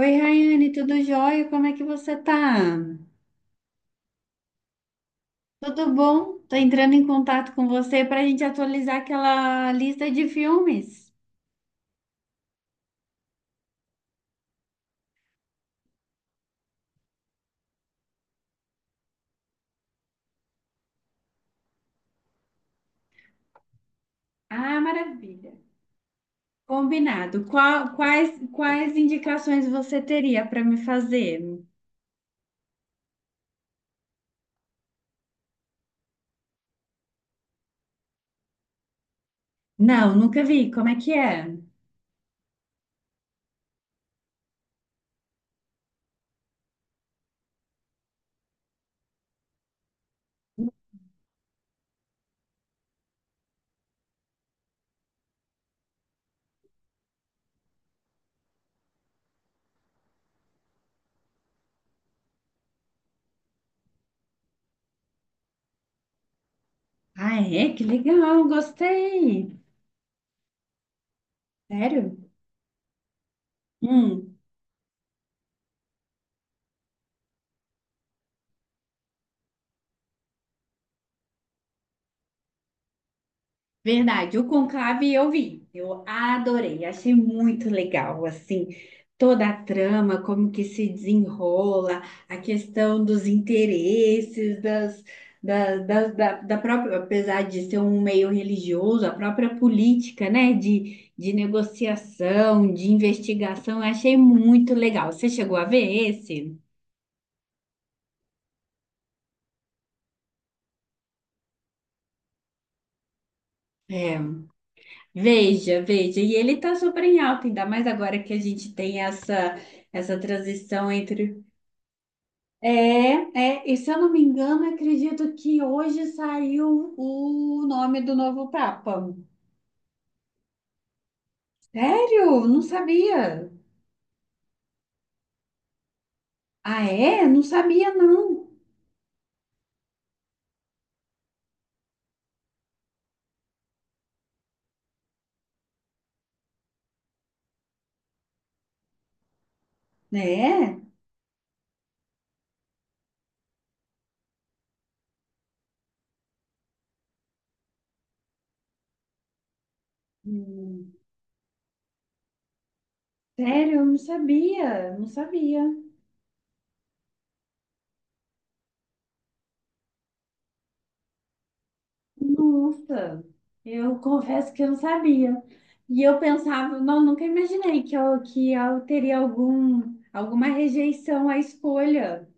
Oi, Rayane, tudo jóia? Como é que você tá? Tudo bom? Tô entrando em contato com você para a gente atualizar aquela lista de filmes. Ah, maravilha. Combinado. Quais indicações você teria para me fazer? Não, nunca vi. Como é que é? Ah, é? Que legal, gostei. Sério? Hum. Verdade, o Conclave eu vi, eu adorei, achei muito legal, assim, toda a trama, como que se desenrola, a questão dos interesses, das, da própria, apesar de ser um meio religioso, a própria política, né, de negociação, de investigação, eu achei muito legal. Você chegou a ver esse? É, veja, veja, e ele tá super em alta, ainda mais agora que a gente tem essa transição entre e se eu não me engano, acredito que hoje saiu o nome do novo Papa. Sério? Não sabia. Ah, é? Não sabia, não. É? Hum. Sério, eu não sabia. Não sabia. Nossa, eu confesso que eu não sabia. E eu pensava, não, nunca imaginei que eu teria algum, alguma rejeição à escolha.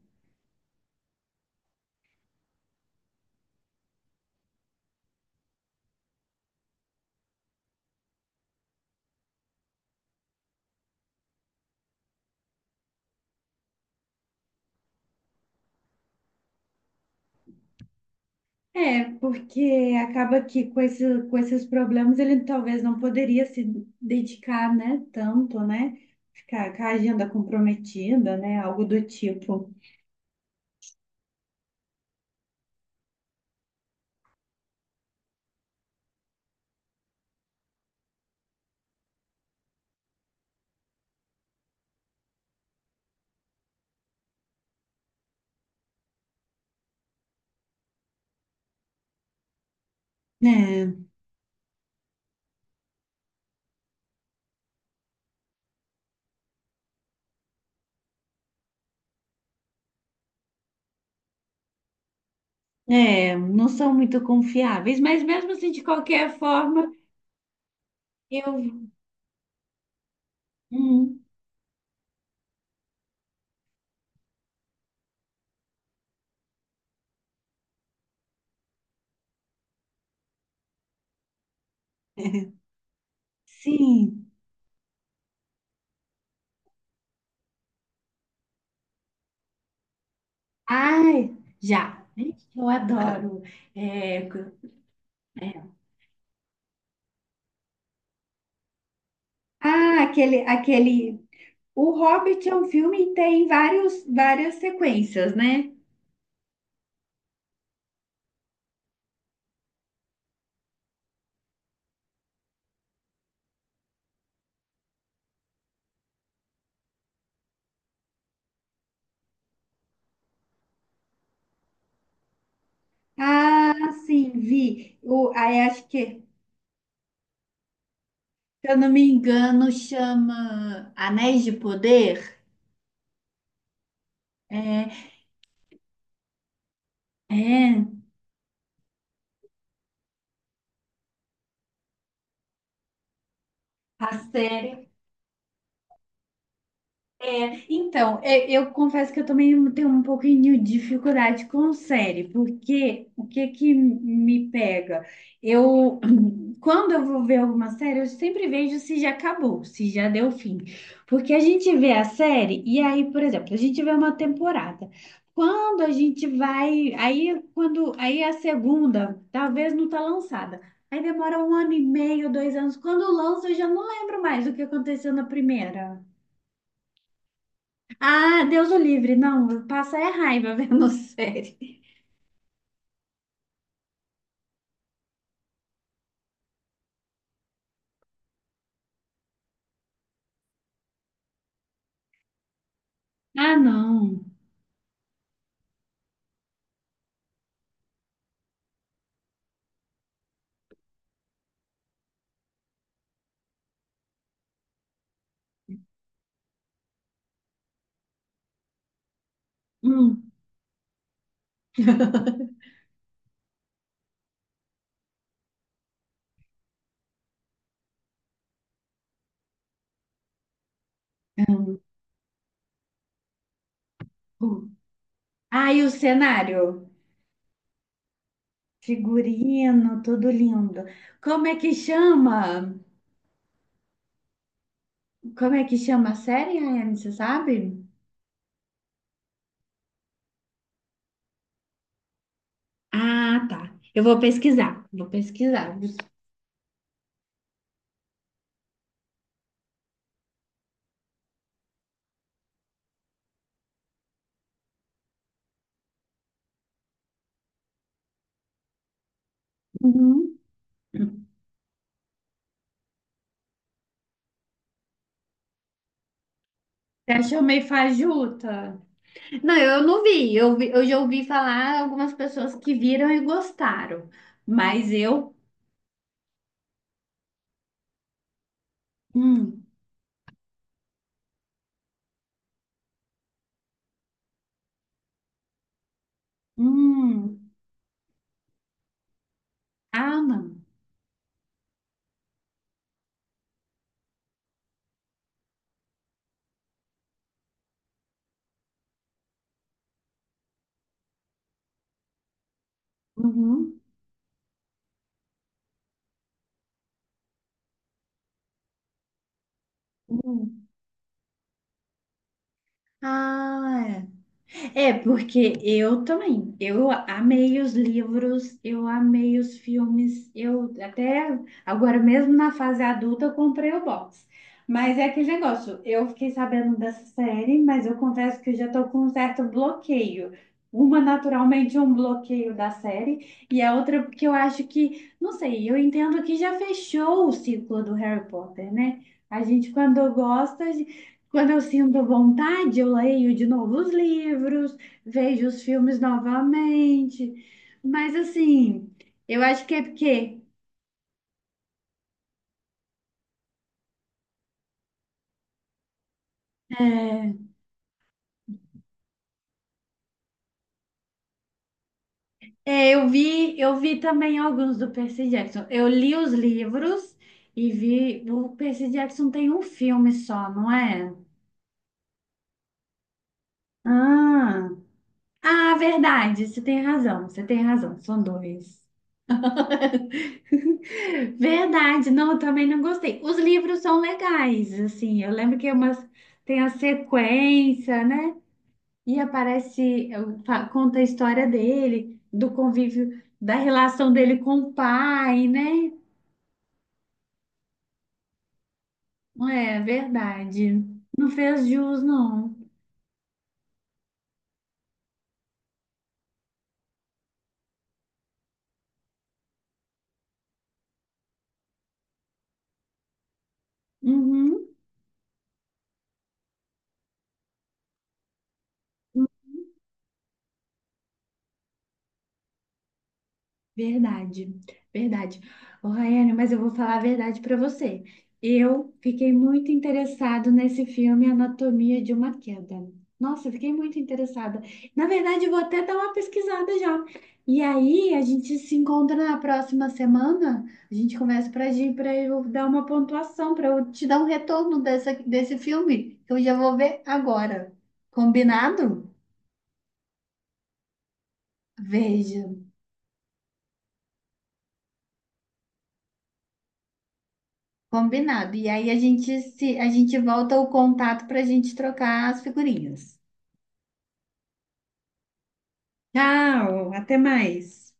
É, porque acaba que com esse, com esses problemas ele talvez não poderia se dedicar, né, tanto, né? Ficar com a agenda comprometida, né? Algo do tipo. É, é, não são muito confiáveis, mas mesmo assim, de qualquer forma, eu. Hum, sim. Ai, já. Gente, eu adoro. É, é. Ah, aquele, aquele. O Hobbit é um filme e tem vários, várias sequências, né? Sim, vi. O, aí acho que, se eu não me engano, chama Anéis de Poder. É, é. A série. Então, é, eu confesso que eu também tenho um pouquinho de dificuldade com série, porque o que que me pega? Eu, quando eu vou ver alguma série, eu sempre vejo se já acabou, se já deu fim. Porque a gente vê a série e aí, por exemplo, a gente vê uma temporada. Quando a gente vai, aí quando, aí a segunda, talvez não tá lançada. Aí demora um ano e meio, dois anos. Quando lança, eu já não lembro mais do que aconteceu na primeira. Ah, Deus o livre. Não, passa é raiva vendo série. Ah, não. Hum, hum, hum. Ah, e o cenário? Figurino, tudo lindo. Como é que chama? Como é que chama a série, Rayane, você sabe? Ah, tá. Eu vou pesquisar. Vou pesquisar. Uhum. Você achou meio fajuta? Não, eu não vi. Eu, eu já ouvi falar algumas pessoas que viram e gostaram. Mas eu. Hum, hum. Ah, não. Uhum. Uhum. Ah, é. É, porque eu também. Eu amei os livros, eu amei os filmes. Eu até agora mesmo na fase adulta eu comprei o box. Mas é aquele negócio, eu fiquei sabendo dessa série, mas eu confesso que eu já estou com um certo bloqueio. Uma naturalmente um bloqueio da série, e a outra porque eu acho que, não sei, eu entendo que já fechou o ciclo do Harry Potter, né? A gente, quando gosta, quando eu sinto vontade, eu leio de novo os livros, vejo os filmes novamente. Mas assim, eu acho que é porque é, é, eu vi também alguns do Percy Jackson. Eu li os livros e vi. O Percy Jackson tem um filme só, não é? Ah, ah, verdade. Você tem razão. Você tem razão. São dois. Verdade, não, eu também não gostei. Os livros são legais, assim, eu lembro que é umas, tem a sequência, né? E aparece, conta a história dele, do convívio, da relação dele com o pai, né? É verdade. Não fez jus, não. Uhum. Verdade, verdade. Ô, Rayane, mas eu vou falar a verdade para você. Eu fiquei muito interessado nesse filme Anatomia de uma Queda. Nossa, eu fiquei muito interessada. Na verdade, eu vou até dar uma pesquisada já. E aí, a gente se encontra na próxima semana. A gente começa para eu dar uma pontuação, para eu te dar um retorno dessa, desse filme, que eu já vou ver agora. Combinado? Veja. Combinado. E aí a gente se a gente volta o contato para a gente trocar as figurinhas. Tchau, até mais.